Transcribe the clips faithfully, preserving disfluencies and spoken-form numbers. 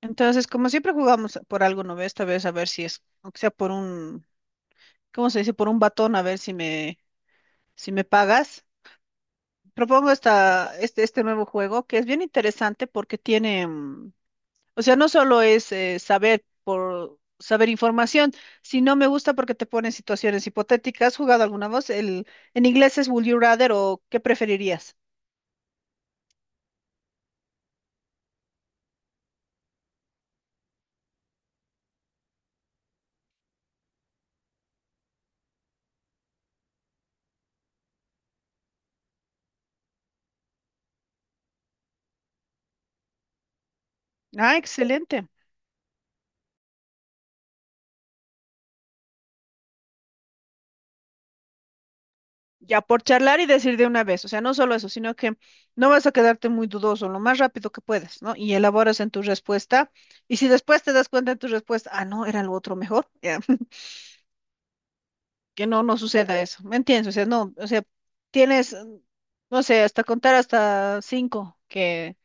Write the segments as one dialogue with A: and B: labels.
A: Entonces, como siempre jugamos por algo, ¿no ve? Esta vez a ver si es, aunque sea por un, ¿cómo se dice? Por un batón, a ver si me, si me pagas. Propongo esta, este, este nuevo juego que es bien interesante porque tiene, mm, o sea, no solo es eh, saber por saber información, sino me gusta porque te pone en situaciones hipotéticas. ¿Has jugado alguna voz? El, en inglés es Would you rather o ¿qué preferirías? Ah, excelente. Ya por charlar y decir de una vez, o sea, no solo eso, sino que no vas a quedarte muy dudoso, lo más rápido que puedas, ¿no? Y elaboras en tu respuesta. Y si después te das cuenta en tu respuesta, ah, no, era lo otro mejor, ya, Que no, no suceda eso, ¿me entiendes? O sea, no, o sea, tienes, mm, no sé, hasta contar hasta cinco, que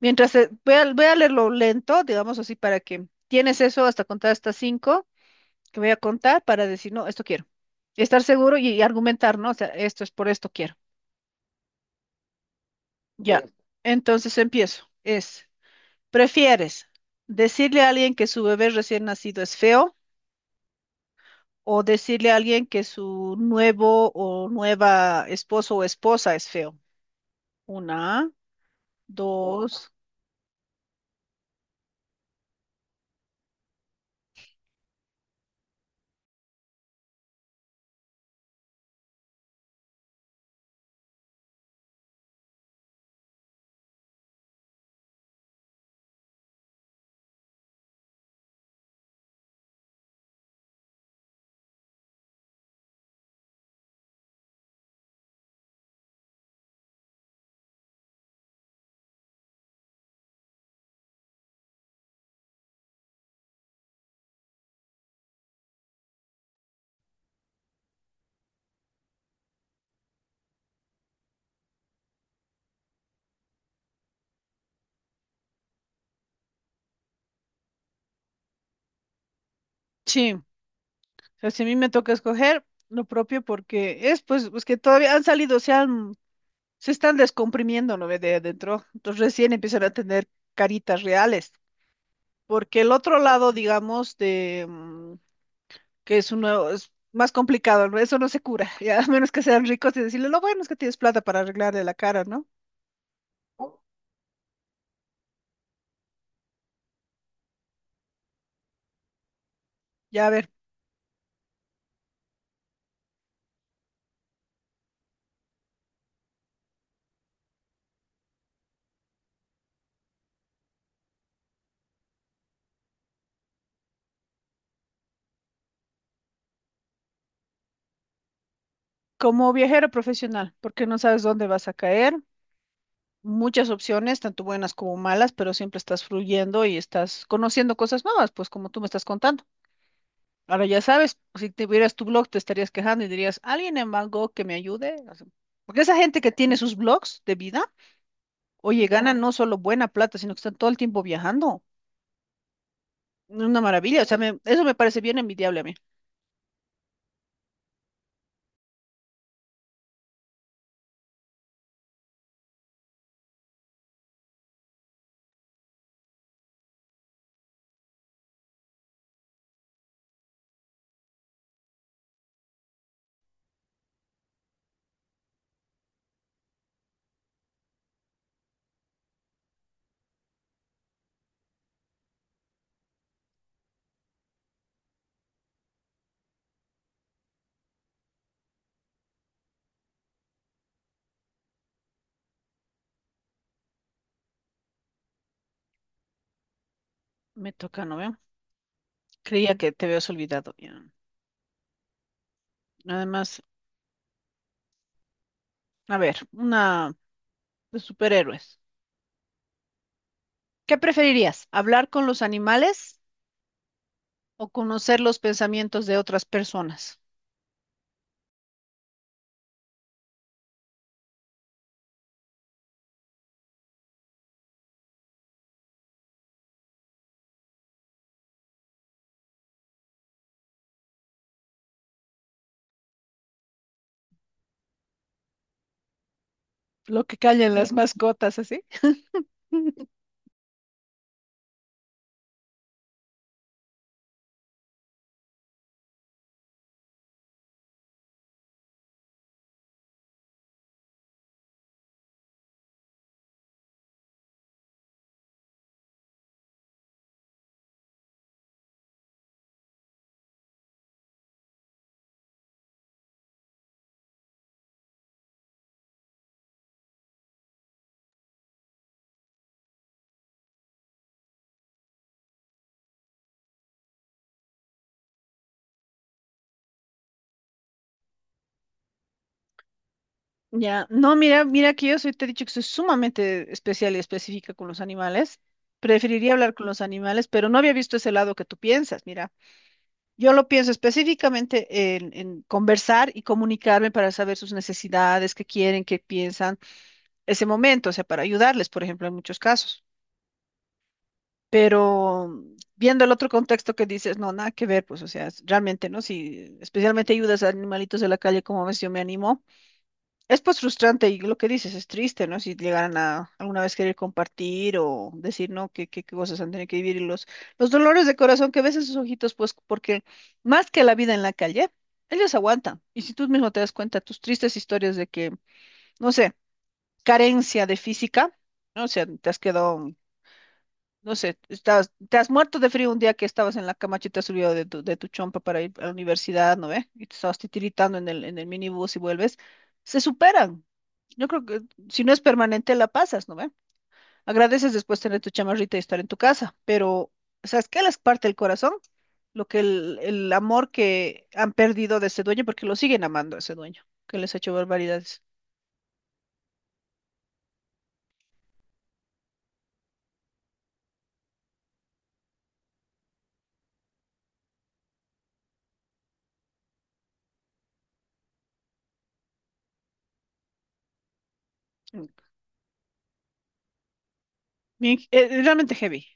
A: mientras, te- voy a, voy a leerlo lento, digamos así, para que tienes eso hasta contar hasta cinco, que voy a contar para decir, no, esto quiero. Y estar seguro y, y argumentar, ¿no? O sea, esto es por esto quiero. Ya, entonces empiezo. Es, ¿prefieres decirle a alguien que su bebé recién nacido es feo o decirle a alguien que su nuevo o nueva esposo o esposa es feo? Una, dos, sí. O sea, si a mí me toca escoger lo propio porque es pues, pues que todavía han salido, se han, se están descomprimiendo, ¿no ve? De adentro. Entonces recién empiezan a tener caritas reales. Porque el otro lado, digamos, de, mm, que es uno, es más complicado, ¿no? Eso no se cura, ya a menos que sean ricos y decirle, lo bueno es que tienes plata para arreglarle la cara, ¿no? Ya a ver, como viajero profesional, porque no sabes dónde vas a caer, muchas opciones, tanto buenas como malas, pero siempre estás fluyendo y estás conociendo cosas nuevas, pues como tú me estás contando. Ahora ya sabes, si tuvieras tu blog, te estarías quejando y dirías, alguien en Bangkok que me ayude. O sea, porque esa gente que tiene sus blogs de vida, oye, ganan no solo buena plata, sino que están todo el tiempo viajando. Una maravilla, o sea, me- eso me parece bien envidiable a mí. Me toca, ¿no veo? Creía que te habías olvidado. Ya. Además, a ver, una de superhéroes. ¿Qué preferirías? ¿Hablar con los animales o conocer los pensamientos de otras personas? Lo que callan las mascotas, así. Ya, no, mira, mira que yo soy, te he dicho que soy sumamente especial y específica con los animales. Preferiría hablar con los animales, pero no había visto ese lado que tú piensas, mira. Yo lo pienso específicamente en, en conversar y comunicarme para saber sus necesidades, qué quieren, qué piensan, ese momento, o sea, para ayudarles, por ejemplo, en muchos casos. Pero mm, viendo el otro contexto que dices, no, nada que ver, pues, o sea, es- realmente, ¿no? Si especialmente ayudas a animalitos de la calle, como ves, yo me animo es pues frustrante y lo que dices es triste, ¿no? Si llegaran a alguna vez querer compartir o decir, ¿no? ¿Qué, qué, qué cosas han tenido que vivir? Y los, los dolores de corazón que ves en sus ojitos, pues porque más que la vida en la calle, ellos aguantan. Y si tú mismo te das cuenta, tus tristes historias de que, no sé, carencia de física, ¿no? O sea, te has quedado no sé, estás, te has muerto de frío un día que estabas en la cama y te has subido de tu, de tu chompa para ir a la universidad, ¿no ve? Y te estabas titiritando en el, en el minibús y vuelves. Se superan. Yo creo que si no es permanente, la pasas, ¿no ve? Agradeces después tener tu chamarrita y estar en tu casa, pero ¿sabes qué les parte el corazón? Lo que el, el amor que han perdido de ese dueño, porque lo siguen amando a ese dueño, que les ha hecho barbaridades. Mm. Bien- eh, realmente heavy.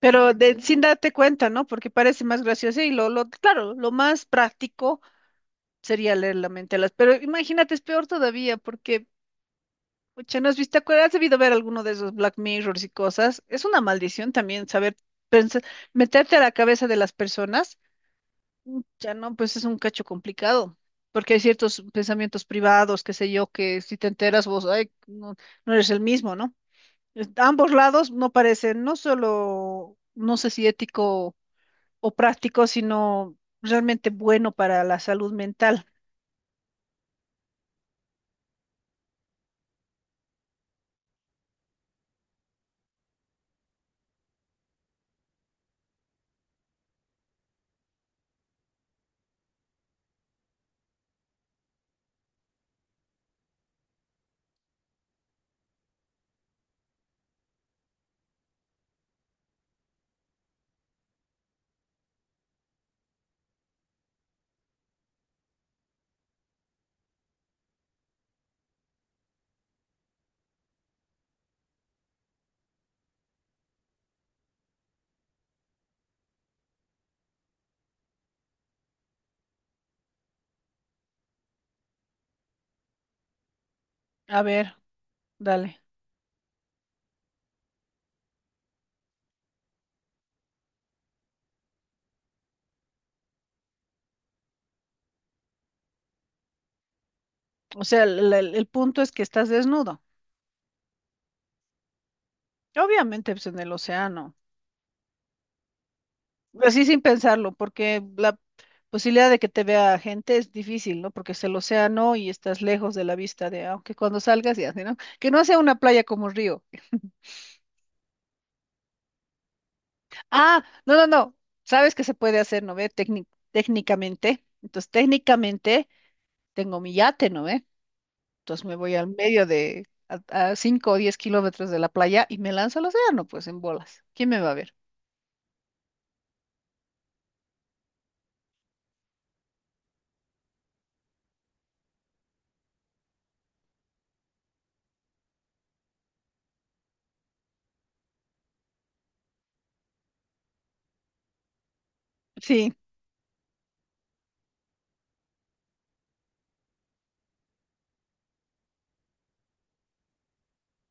A: Pero de- sin darte cuenta, ¿no? Porque parece más gracioso y lo, lo, claro, lo más práctico sería leer la mente a las. Pero imagínate, es peor todavía, porque, pucha, ¿no has visto? ¿Te acuerdas? Has debido ver alguno de esos Black Mirrors y cosas. Es una maldición también saber pensar, meterte a la cabeza de las personas. Ya no, pues es un cacho complicado. Porque hay ciertos pensamientos privados, qué sé yo, que si te enteras vos, ay, no, no eres el mismo, ¿no? Es- Ambos lados no parecen, no solo, no sé si ético o práctico, sino realmente bueno para la salud mental. A ver, dale. O sea, el, el- el punto es que estás desnudo. Obviamente, pues en el océano. Así sin pensarlo, porque la posibilidad de que te vea gente es difícil, ¿no? Porque es el océano y estás lejos de la vista de, aunque cuando salgas y así, ¿no? Que no sea una playa como río. Ah, no, no, no. Sabes que se puede hacer, ¿no ve? Técnic- técnicamente. Entonces, técnicamente tengo mi yate, ¿no ve? Entonces me voy al medio de, a, a cinco o diez kilómetros de la playa y me lanzo al océano, pues en bolas. ¿Quién me va a ver? Sí,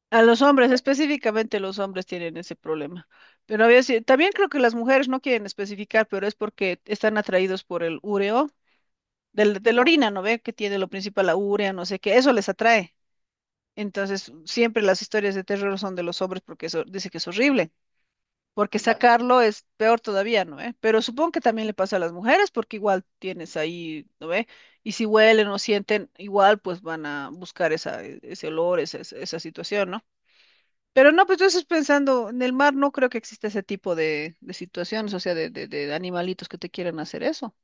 A: a los hombres, específicamente los hombres tienen ese problema. Pero a veces, también creo que las mujeres no quieren especificar, pero es porque están atraídos por el ureo, del, de la orina, ¿no ve? Que tiene lo principal la urea, no sé qué, eso les atrae. Entonces, siempre las historias de terror son de los hombres porque eso dice que es horrible. Porque sacarlo es peor todavía, ¿no ve? Pero supongo que también le pasa a las mujeres, porque igual tienes ahí, ¿no ve? Y si huelen o sienten, igual pues van a buscar esa, e- ese olor, esa, esa esa situación, ¿no? Pero no, pues entonces pensando, en el mar no creo que exista ese tipo de, de situaciones, o sea, de, de, de animalitos que te quieran hacer eso.